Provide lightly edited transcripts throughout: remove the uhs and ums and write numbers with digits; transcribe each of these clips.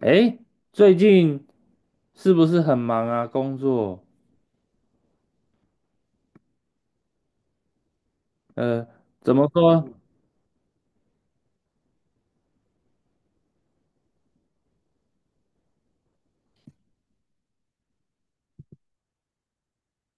哎，最近是不是很忙啊？工作？呃，怎么说？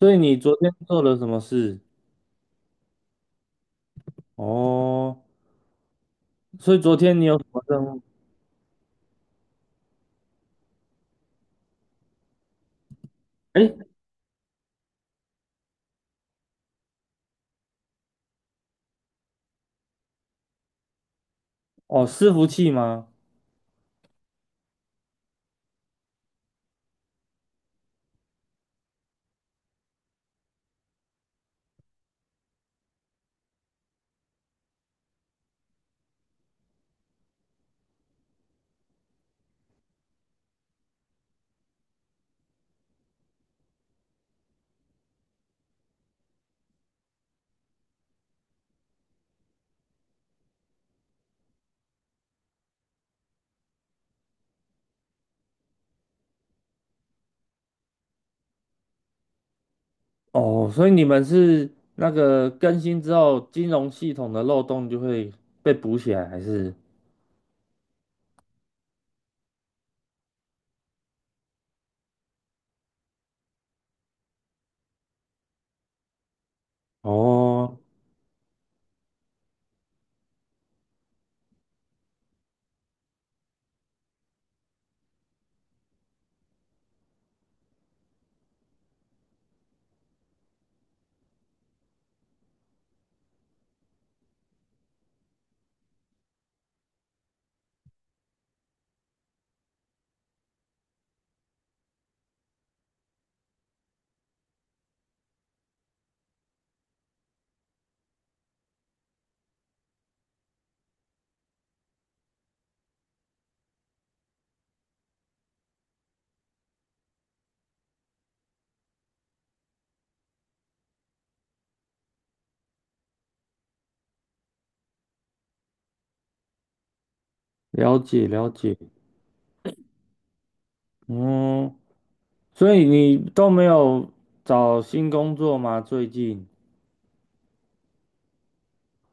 所以你昨天做了什么事？哦，所以昨天你有什么任务？哎，哦，伺服器吗？哦，所以你们是那个更新之后，金融系统的漏洞就会被补起来，还是？哦，了解了解。嗯，所以你都没有找新工作吗？最近？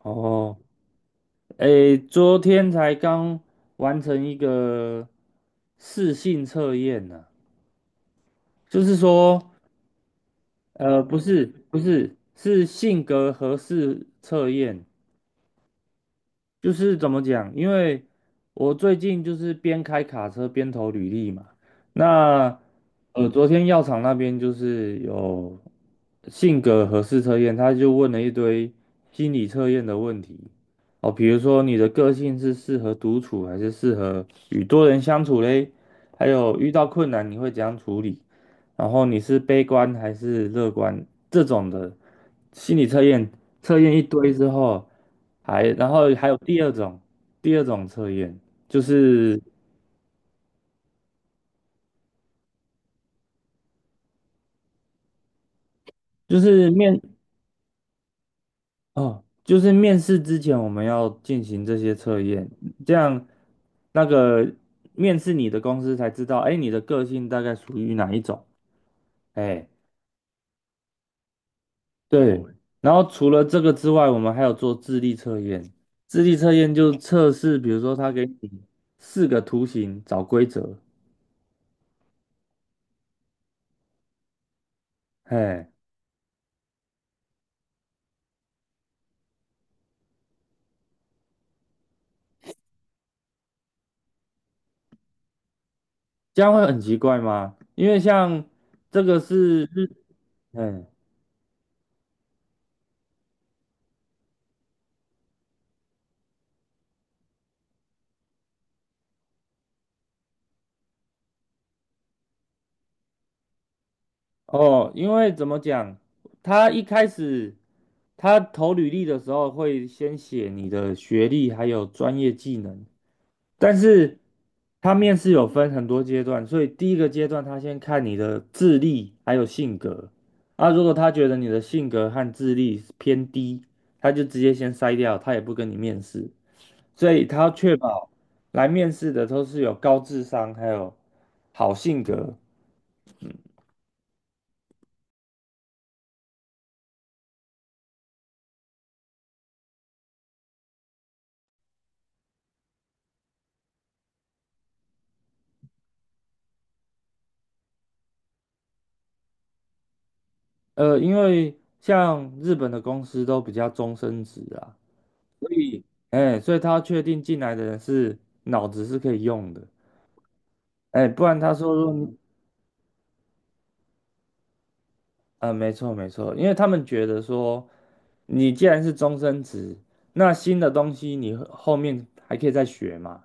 哦。诶，昨天才刚完成一个试性测验呢、就是说，不是，是性格合适测验，就是怎么讲？因为我最近就是边开卡车边投履历嘛。那昨天药厂那边就是有性格核试测验，他就问了一堆心理测验的问题。哦，比如说你的个性是适合独处还是适合与多人相处嘞？还有遇到困难你会怎样处理？然后你是悲观还是乐观这种的心理测验，测验一堆之后，还然后还有第二种，第二种测验就是就是面。哦，就是面试之前我们要进行这些测验，这样那个面试你的公司才知道，哎，你的个性大概属于哪一种，哎。对，然后除了这个之外，我们还有做智力测验。智力测验就测试，比如说他给你四个图形找规则，嘿，这样会很奇怪吗？因为像这个是日，嗯，哦，因为怎么讲，他一开始他投履历的时候会先写你的学历还有专业技能，但是他面试有分很多阶段，所以第一个阶段他先看你的智力还有性格。啊，如果他觉得你的性格和智力偏低，他就直接先筛掉，他也不跟你面试。所以他要确保来面试的都是有高智商还有好性格。因为像日本的公司都比较终身制啊，所以哎，所以他要确定进来的人是脑子是可以用的。哎，不然他说没错，因为他们觉得说，你既然是终身职，那新的东西你后面还可以再学嘛，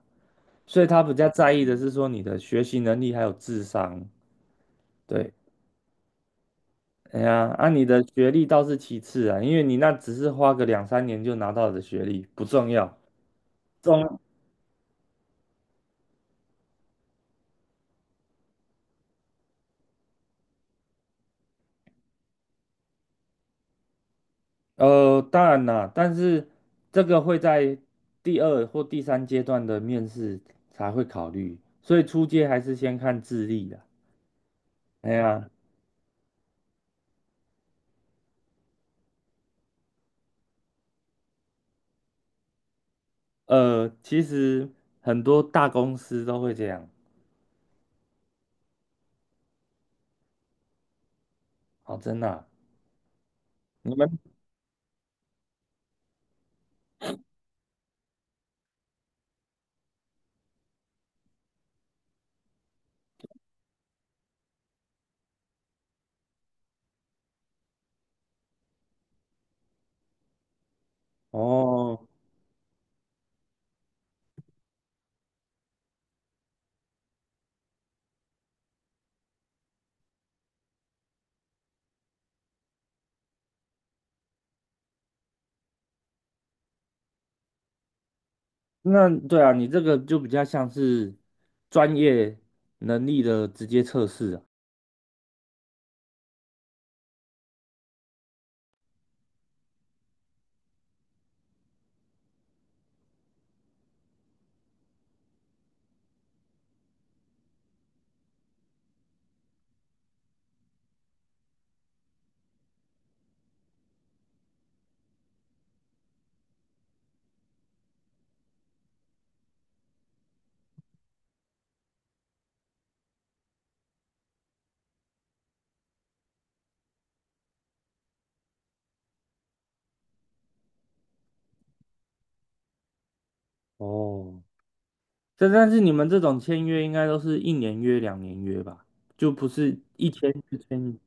所以他比较在意的是说你的学习能力还有智商。对，哎呀，啊，你的学历倒是其次啊，因为你那只是花个两三年就拿到的学历不重要，重当然啦，但是这个会在第二或第三阶段的面试才会考虑，所以初阶还是先看智力的。哎呀。其实很多大公司都会这样。哦，真的啊你们哦，那对啊，你这个就比较像是专业能力的直接测试啊。哦，但是你们这种签约应该都是一年约、两年约吧，就不是一签就签。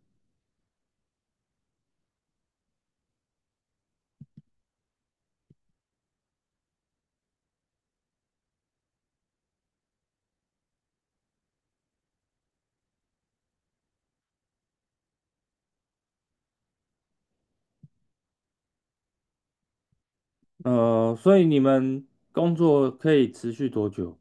所以你们工作可以持续多久？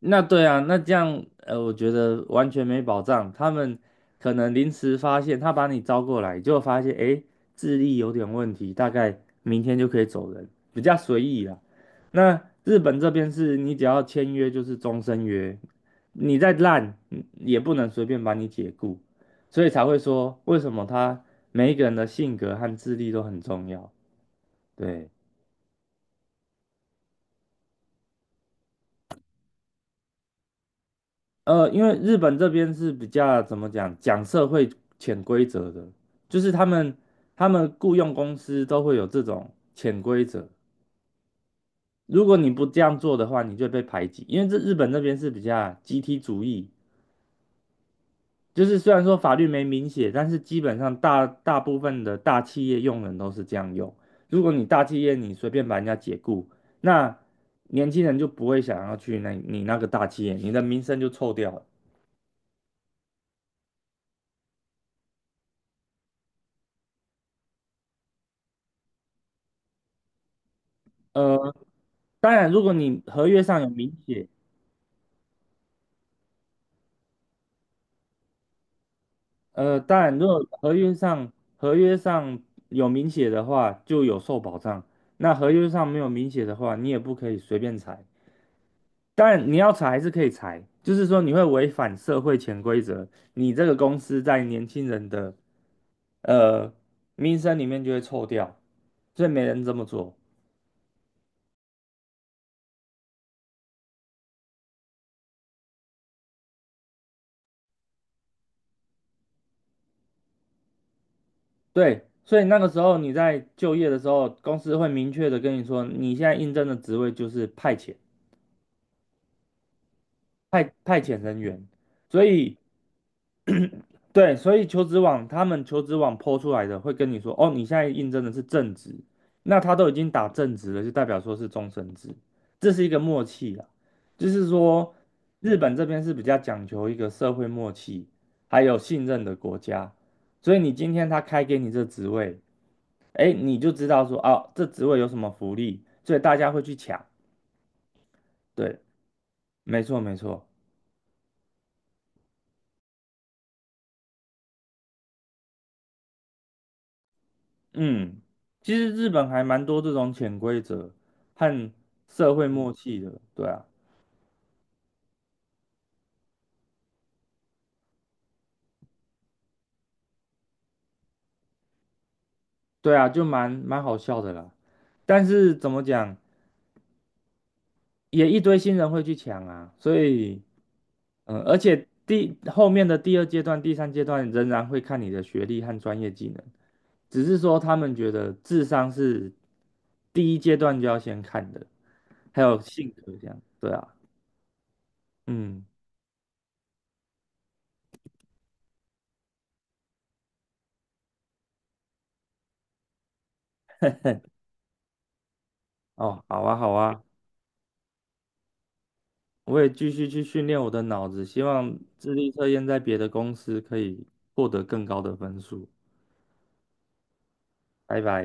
那对啊，那这样我觉得完全没保障。他们可能临时发现，他把你招过来，结果发现诶，智力有点问题，大概明天就可以走人，比较随意啦。那日本这边是你只要签约就是终身约，你再烂嗯也不能随便把你解雇，所以才会说为什么他每一个人的性格和智力都很重要。对。因为日本这边是比较怎么讲，讲社会潜规则的，就是他们雇佣公司都会有这种潜规则，如果你不这样做的话，你就会被排挤。因为这日本这边是比较集体主义，就是虽然说法律没明写，但是基本上大部分的大企业用人都是这样用。如果你大企业你随便把人家解雇，那年轻人就不会想要去那你那个大企业，你的名声就臭掉了。呃，当然，如果你合约上有明写，当然，如果合约上有明写的话，就有受保障。那合约上没有明写的话，你也不可以随便裁。当然，你要裁还是可以裁，就是说你会违反社会潜规则，你这个公司在年轻人的呃名声里面就会臭掉，所以没人这么做。对，所以那个时候你在就业的时候，公司会明确的跟你说，你现在应征的职位就是派遣。派遣人员，所以对，所以求职网他们求职网 PO 出来的会跟你说，哦，你现在应征的是正职，那他都已经打正职了，就代表说是终身制，这是一个默契啊，就是说日本这边是比较讲求一个社会默契，还有信任的国家，所以你今天他开给你这职位，哎，你就知道说，哦，这职位有什么福利，所以大家会去抢，对，没错。嗯，其实日本还蛮多这种潜规则和社会默契的，对啊，对啊，就蛮好笑的啦。但是怎么讲，也一堆新人会去抢啊，所以嗯，而且第后面的第二阶段、第三阶段仍然会看你的学历和专业技能，只是说他们觉得智商是第一阶段就要先看的，还有性格这样，对啊，嗯，哦，好啊，好啊，我也继续去训练我的脑子，希望智力测验在别的公司可以获得更高的分数。拜拜。